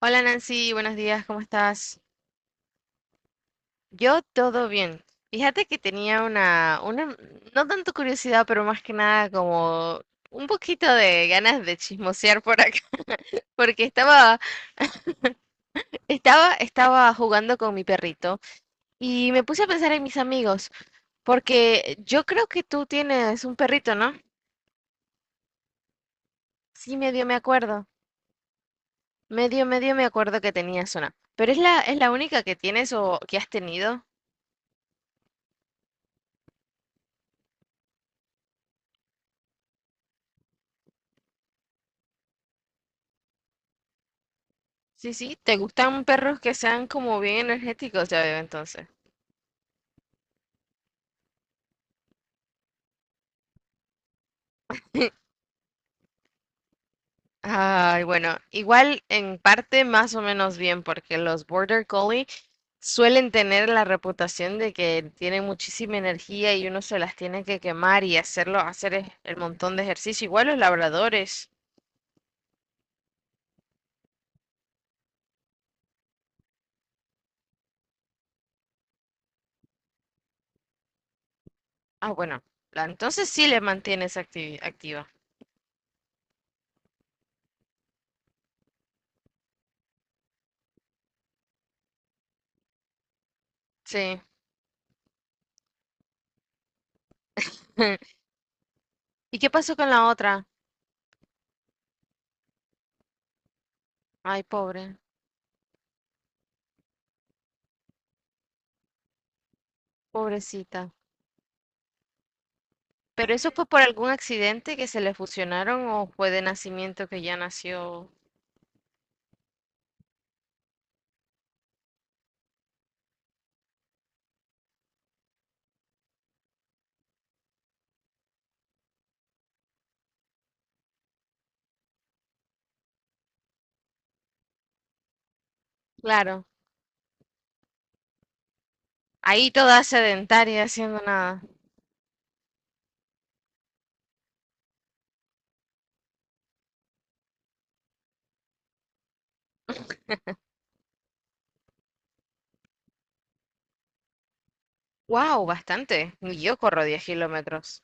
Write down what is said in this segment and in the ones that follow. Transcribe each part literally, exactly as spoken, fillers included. Hola Nancy, buenos días, ¿cómo estás? Yo todo bien. Fíjate que tenía una, una, no tanto curiosidad, pero más que nada como un poquito de ganas de chismosear por acá, porque estaba, estaba, estaba jugando con mi perrito y me puse a pensar en mis amigos, porque yo creo que tú tienes un perrito, ¿no? Sí, medio me acuerdo, medio, medio me acuerdo que tenías una, pero es la, es la única que tienes o que has tenido. Sí, sí, te gustan perros que sean como bien energéticos, ya veo entonces. Ay, bueno, igual en parte más o menos bien, porque los Border Collie suelen tener la reputación de que tienen muchísima energía y uno se las tiene que quemar y hacerlo, hacer e- el montón de ejercicio. Igual los labradores. Ah, bueno, la- entonces sí le mantienes acti- activa. Sí. ¿Y qué pasó con la otra? Ay, pobre, pobrecita. ¿Pero eso fue por algún accidente que se le fusionaron o fue de nacimiento que ya nació? Claro, ahí toda sedentaria haciendo nada. Wow, bastante. Ni yo corro diez kilómetros.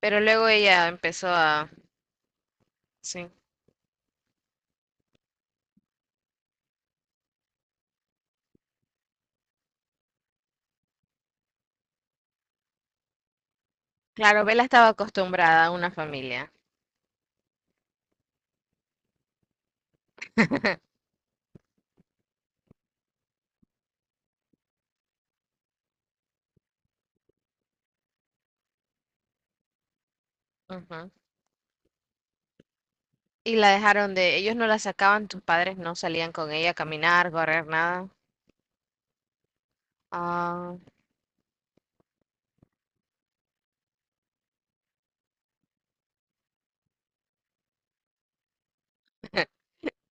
Pero luego ella empezó a... Sí. Claro, Bella estaba acostumbrada a una familia. Ujú. Y la dejaron de... Ellos no la sacaban, tus padres no salían con ella a caminar, correr, nada. Ah,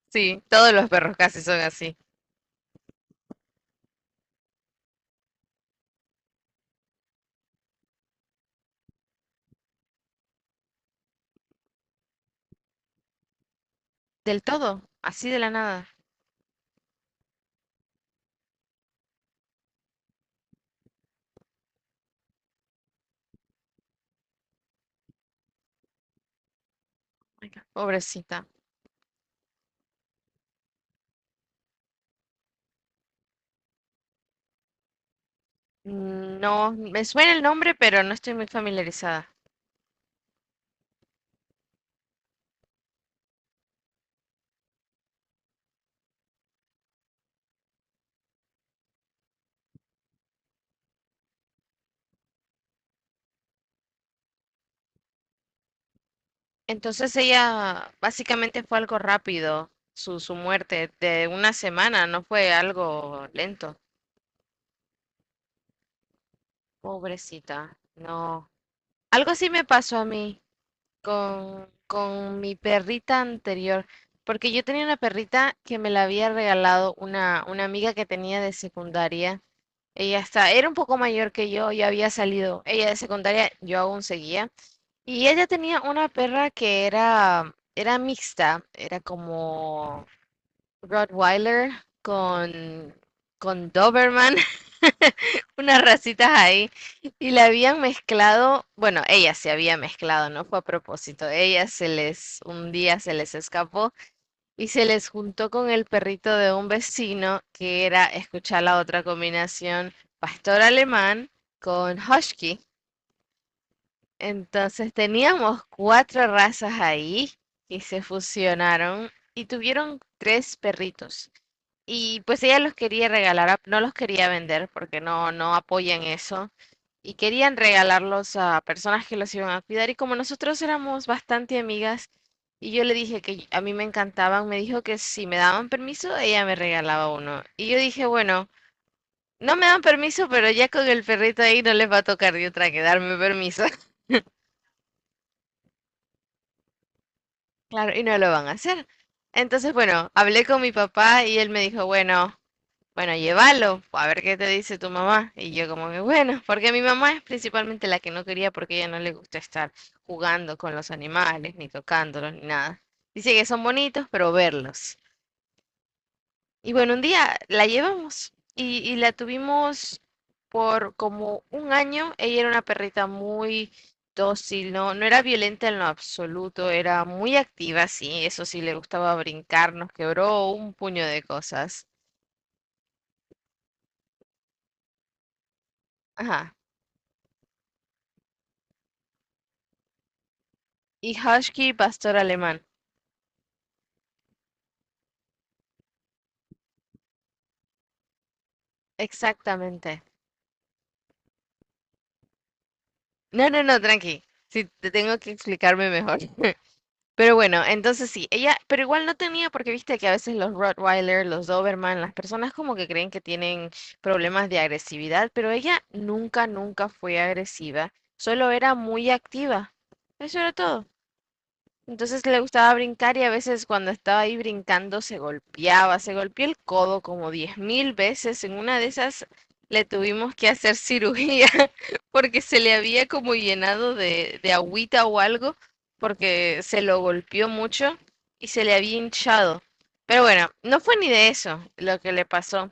sí, todos los perros casi son así. Del todo, así de la nada. Pobrecita. Mm, no, me suena el nombre, pero no estoy muy familiarizada. Entonces ella básicamente fue algo rápido, su, su muerte de una semana, no fue algo lento. Pobrecita, no. Algo así me pasó a mí con, con mi perrita anterior, porque yo tenía una perrita que me la había regalado una, una amiga que tenía de secundaria. Ella está, era un poco mayor que yo, ya había salido. Ella de secundaria, yo aún seguía. Y ella tenía una perra que era, era mixta, era como Rottweiler con, con Doberman, unas racitas ahí. Y la habían mezclado, bueno, ella se había mezclado, no fue a propósito. Ella se les, un día se les escapó y se les juntó con el perrito de un vecino que era, escuchar la otra combinación, pastor alemán con husky. Entonces teníamos cuatro razas ahí y se fusionaron y tuvieron tres perritos. Y pues ella los quería regalar, a- no los quería vender porque no, no apoyan eso. Y querían regalarlos a personas que los iban a cuidar. Y como nosotros éramos bastante amigas y yo le dije que a mí me encantaban, me dijo que si me daban permiso, ella me regalaba uno. Y yo dije, bueno, no me dan permiso, pero ya con el perrito ahí no les va a tocar de otra que darme permiso. Claro, y no lo van a hacer. Entonces, bueno, hablé con mi papá y él me dijo, bueno, bueno, llévalo, a ver qué te dice tu mamá. Y yo como que, bueno, porque mi mamá es principalmente la que no quería porque ella no le gusta estar jugando con los animales, ni tocándolos, ni nada. Dice que son bonitos, pero verlos. Y bueno, un día la llevamos y, y la tuvimos por como un año. Ella era una perrita muy dócil, no, no era violenta en lo absoluto, era muy activa, sí, eso sí, le gustaba brincar, nos quebró un puño de cosas. Ajá. Y husky, pastor alemán. Exactamente. No, no, no, tranqui. Sí, te tengo que explicarme mejor. Pero bueno, entonces sí, ella, pero igual no tenía, porque viste que a veces los Rottweiler, los Doberman, las personas como que creen que tienen problemas de agresividad, pero ella nunca, nunca fue agresiva, solo era muy activa. Eso era todo. Entonces le gustaba brincar y a veces cuando estaba ahí brincando se golpeaba, se golpeó el codo como diez mil veces. En una de esas le tuvimos que hacer cirugía porque se le había como llenado de, de agüita o algo porque se lo golpeó mucho y se le había hinchado. Pero bueno, no fue ni de eso lo que le pasó.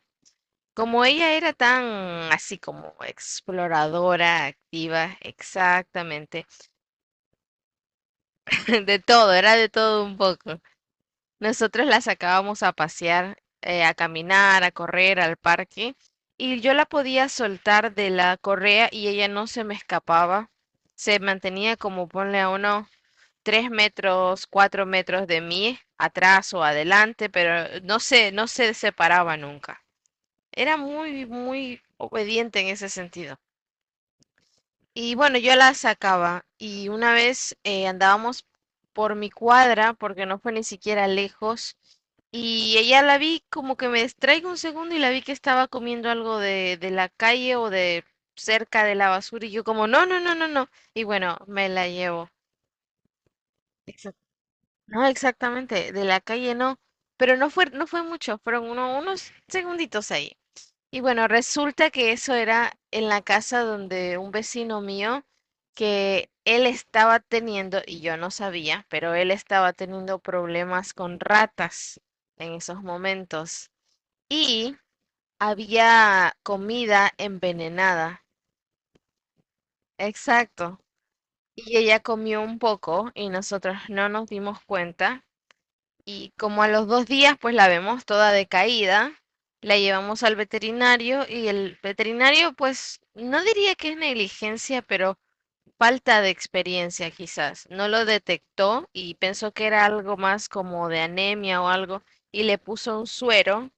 Como ella era tan así como exploradora, activa, exactamente, de todo, era de todo un poco. Nosotros la sacábamos a pasear, eh, a caminar, a correr al parque y yo la podía soltar de la correa y ella no se me escapaba. Se mantenía como ponle a unos tres metros, cuatro metros de mí, atrás o adelante, pero no se, no se separaba nunca. Era muy, muy obediente en ese sentido. Y bueno, yo la sacaba y una vez eh, andábamos por mi cuadra porque no fue ni siquiera lejos y ella la vi como que me distraigo un segundo y la vi que estaba comiendo algo de, de la calle o de cerca de la basura y yo como no, no, no, no, no y bueno, me la llevo. Exacto. No, exactamente, de la calle no, pero no fue, no fue mucho, fueron uno- unos segunditos ahí. Y bueno, resulta que eso era en la casa donde un vecino mío, que él estaba teniendo, y yo no sabía, pero él estaba teniendo problemas con ratas en esos momentos. Y había comida envenenada. Exacto. Y ella comió un poco y nosotros no nos dimos cuenta y como a los dos días pues la vemos toda decaída, la llevamos al veterinario y el veterinario pues no diría que es negligencia, pero falta de experiencia quizás. No lo detectó y pensó que era algo más como de anemia o algo y le puso un suero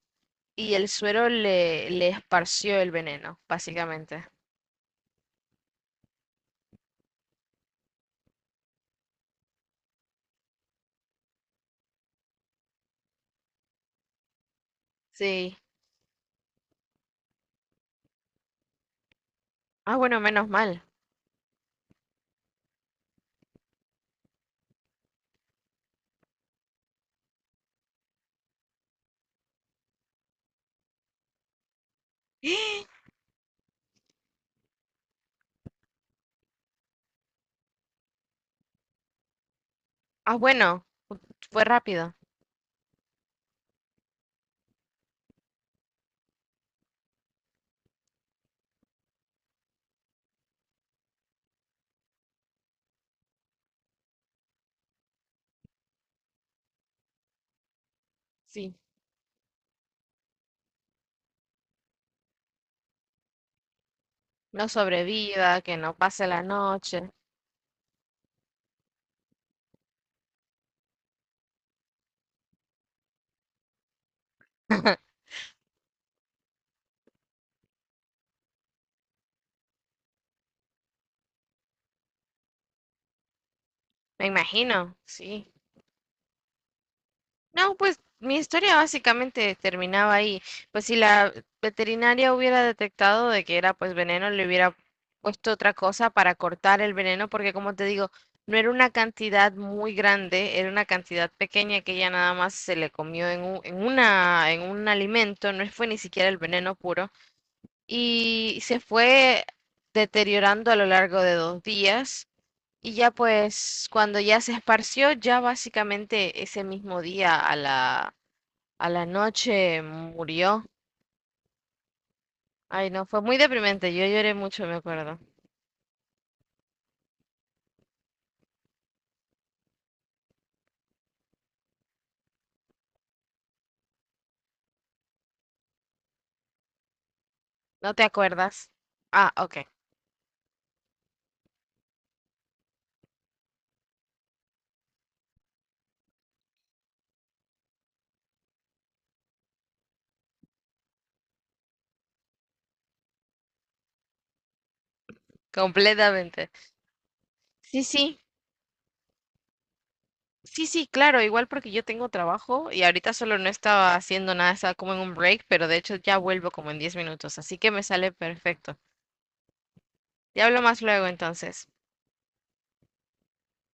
y el suero le, le esparció el veneno, básicamente. Sí. Ah, bueno, menos mal. Ah, bueno, fue rápido. Sí. No sobreviva, que no pase la noche. Me imagino, sí. No, pues mi historia básicamente terminaba ahí. Pues si la veterinaria hubiera detectado de que era pues veneno, le hubiera puesto otra cosa para cortar el veneno, porque como te digo, no era una cantidad muy grande, era una cantidad pequeña que ella nada más se le comió en un, en una, en un alimento, no fue ni siquiera el veneno puro, y se fue deteriorando a lo largo de dos días. Y ya pues cuando ya se esparció, ya básicamente ese mismo día a la, a la noche murió. Ay, no, fue muy deprimente. Yo lloré mucho, me acuerdo. ¿No te acuerdas? Ah, ok, completamente. Sí, sí, sí, sí, claro, igual porque yo tengo trabajo y ahorita solo no estaba haciendo nada, estaba como en un break, pero de hecho ya vuelvo como en diez minutos, así que me sale perfecto. Te hablo más luego entonces.